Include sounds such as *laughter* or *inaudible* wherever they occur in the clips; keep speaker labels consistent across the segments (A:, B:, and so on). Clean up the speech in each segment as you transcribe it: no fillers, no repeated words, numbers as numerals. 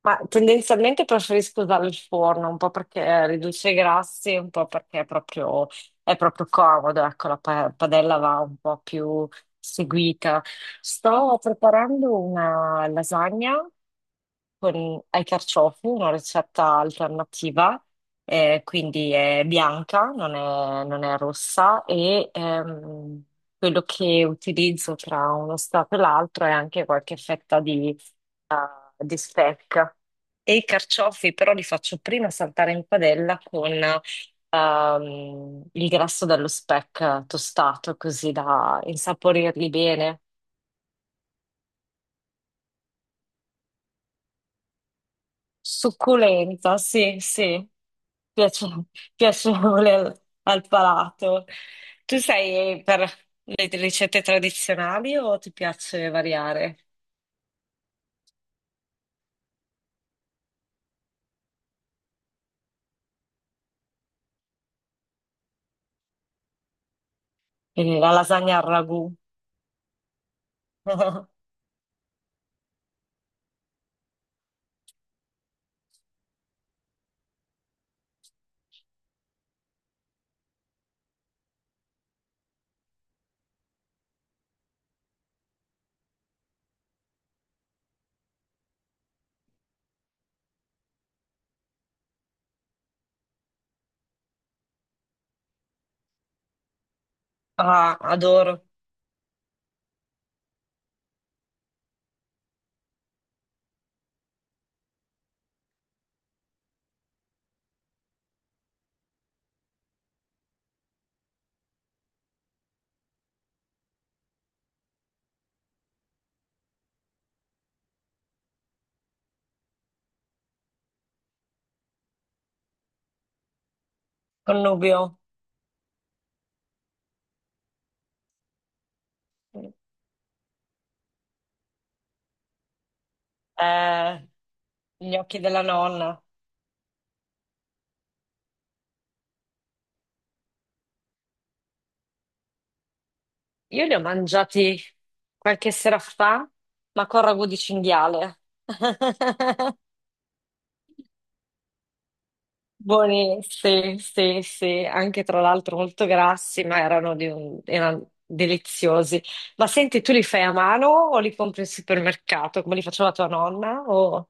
A: Ma tendenzialmente preferisco usare il forno, un po' perché riduce i grassi, un po' perché è proprio comodo, ecco, la padella va un po' più seguita. Sto preparando una lasagna con, ai carciofi, una ricetta alternativa, quindi è bianca, non è rossa e quello che utilizzo tra uno stato e l'altro è anche qualche fetta eh, di speck. E i carciofi però li faccio prima saltare in padella con il grasso dello speck tostato, così da insaporirli bene. Succulenta, sì, sì. Piace- Piacevole al, al palato. Tu sei per le ricette tradizionali o ti piace variare? Quindi la lasagna al ragù. *laughs* Ah, adoro. Connubio. Eh, gli occhi della nonna. Io li ho mangiati qualche sera fa, ma con ragù di cinghiale. *laughs* Buoni, sì, sì, sì, anche tra l'altro molto grassi, ma erano, erano deliziosi. Ma senti, tu li fai a mano o li compri al supermercato, come li faceva tua nonna? O...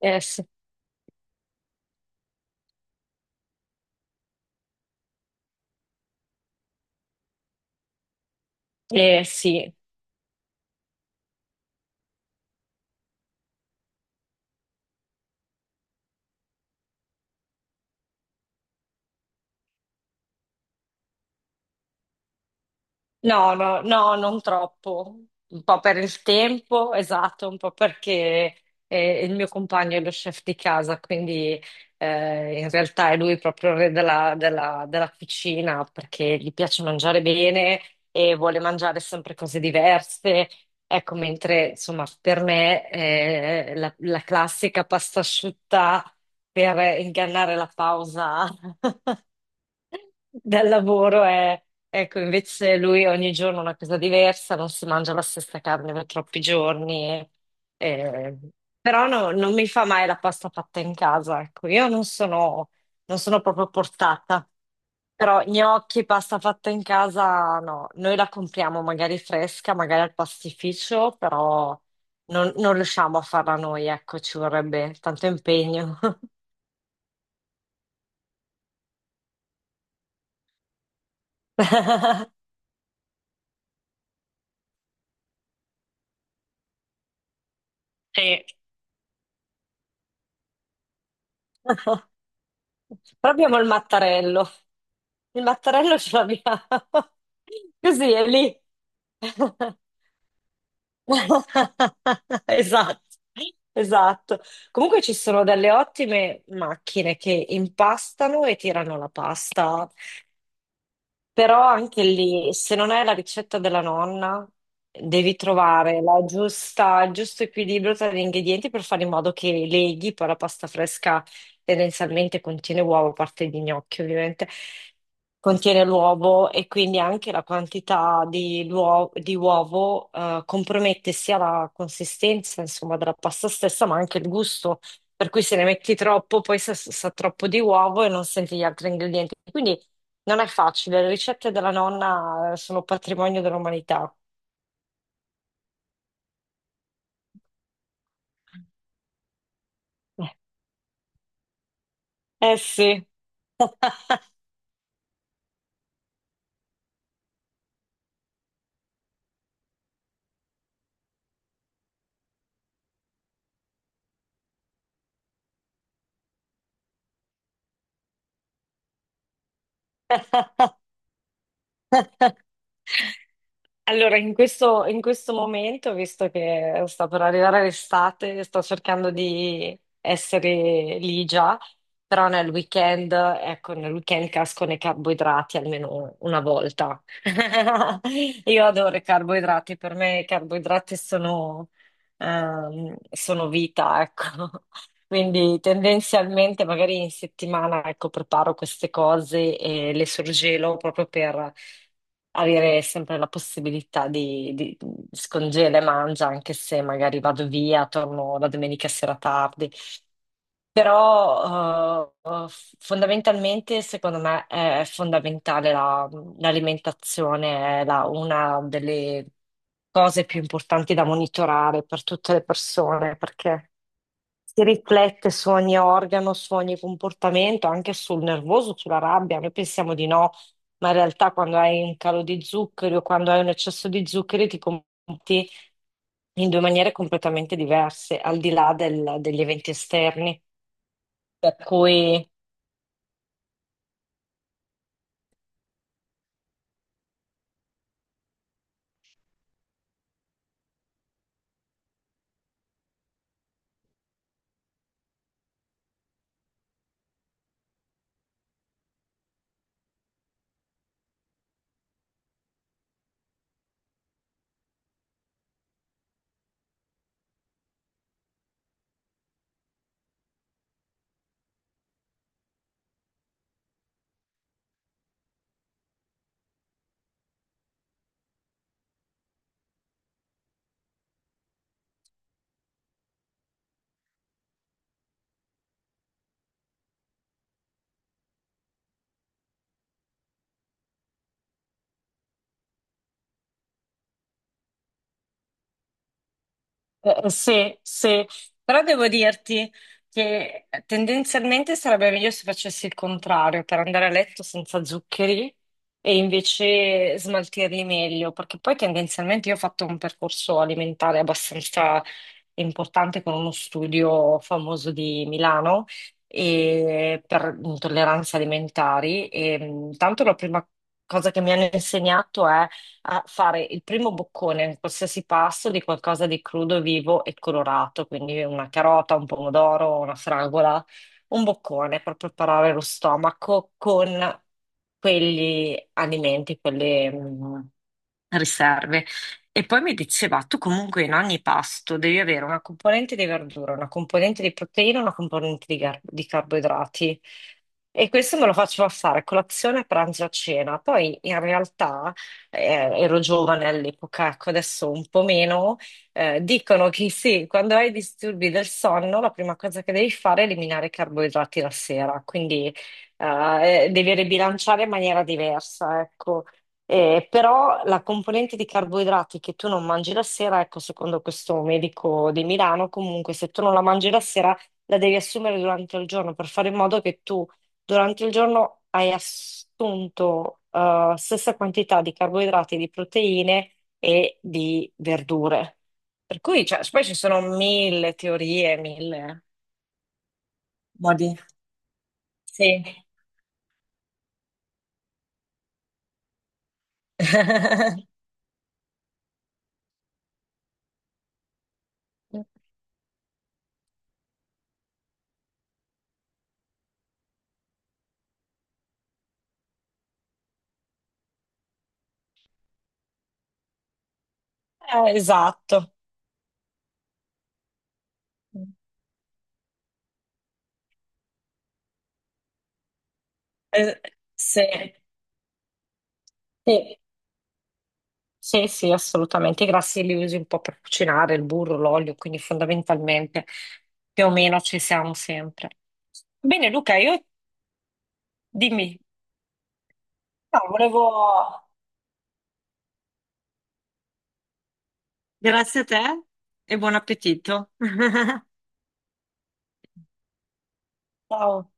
A: Eh sì, sì. No, no, no, non troppo. Un po' per il tempo, esatto, un po' perché il mio compagno è lo chef di casa, quindi in realtà è lui proprio il re della, della cucina perché gli piace mangiare bene e vuole mangiare sempre cose diverse. Ecco, mentre insomma per me la, la classica pasta asciutta per ingannare la pausa *laughs* del lavoro è, ecco, invece lui ogni giorno una cosa diversa, non si mangia la stessa carne per troppi giorni. E- Però non mi fa mai la pasta fatta in casa, ecco, io non sono, non sono proprio portata. Però gnocchi, pasta fatta in casa, no, noi la compriamo magari fresca, magari al pastificio, però non, non riusciamo a farla noi, ecco, ci vorrebbe tanto impegno. *laughs* Sì. Però abbiamo il mattarello. Il mattarello ce l'abbiamo. *laughs* Così è lì. *laughs* Esatto, esatto. Comunque ci sono delle ottime macchine che impastano e tirano la pasta, però anche lì, se non hai la ricetta della nonna, devi trovare la giusta, il giusto equilibrio tra gli ingredienti per fare in modo che leghi. Poi la pasta fresca tendenzialmente contiene uovo, a parte di gnocchi ovviamente, contiene l'uovo e quindi anche la quantità di, di uovo compromette sia la consistenza, insomma, della pasta stessa, ma anche il gusto. Per cui se ne metti troppo, poi sa, sa troppo di uovo e non senti gli altri ingredienti. Quindi non è facile, le ricette della nonna sono patrimonio dell'umanità. Eh sì. *laughs* Allora, in questo momento, visto che sta per arrivare l'estate, sto cercando di essere lì già, però nel weekend, ecco, nel weekend casco nei carboidrati almeno una volta. *laughs* Io adoro i carboidrati, per me i carboidrati sono, sono vita, ecco. *laughs* Quindi tendenzialmente magari in settimana, ecco, preparo queste cose e le sorgelo proprio, avere sempre la possibilità di scongela e mangia, anche se magari vado via, torno la domenica sera tardi. Però fondamentalmente, secondo me, è fondamentale l'alimentazione, è una delle cose più importanti da monitorare per tutte le persone, perché si riflette su ogni organo, su ogni comportamento, anche sul nervoso, sulla rabbia. Noi pensiamo di no, ma in realtà quando hai un calo di zuccheri o quando hai un eccesso di zuccheri ti comporti in due maniere completamente diverse, al di là degli eventi esterni. Per cui. Sì, sì, però devo dirti che tendenzialmente sarebbe meglio se facessi il contrario, per andare a letto senza zuccheri e invece smaltirli meglio, perché poi tendenzialmente io ho fatto un percorso alimentare abbastanza importante con uno studio famoso di Milano e per intolleranze alimentari e tanto la prima cosa che mi hanno insegnato è a fare il primo boccone in qualsiasi pasto di qualcosa di crudo, vivo e colorato, quindi una carota, un pomodoro, una fragola, un boccone per preparare lo stomaco con quegli alimenti, quelle, riserve. E poi mi diceva, tu comunque in ogni pasto devi avere una componente di verdura, una componente di proteina, una componente di, di carboidrati. E questo me lo faceva fare a colazione, a pranzo, e a cena. Poi in realtà ero giovane all'epoca, ecco, adesso un po' meno. Dicono che sì, quando hai disturbi del sonno, la prima cosa che devi fare è eliminare i carboidrati la sera. Quindi devi ribilanciare in maniera diversa, ecco. Però la componente di carboidrati che tu non mangi la sera, ecco, secondo questo medico di Milano, comunque se tu non la mangi la sera, la devi assumere durante il giorno per fare in modo che tu durante il giorno hai assunto stessa quantità di carboidrati, di proteine e di verdure. Per cui, cioè, poi ci sono mille teorie, mille modi. Sì. *laughs* Esatto. Eh, sì. Sì. Sì, sì, assolutamente. I grassi li usi un po' per cucinare, il burro, l'olio, quindi fondamentalmente più o meno ci siamo sempre. Bene, Luca, io dimmi. No, volevo... Grazie a te e buon appetito. *laughs* Ciao.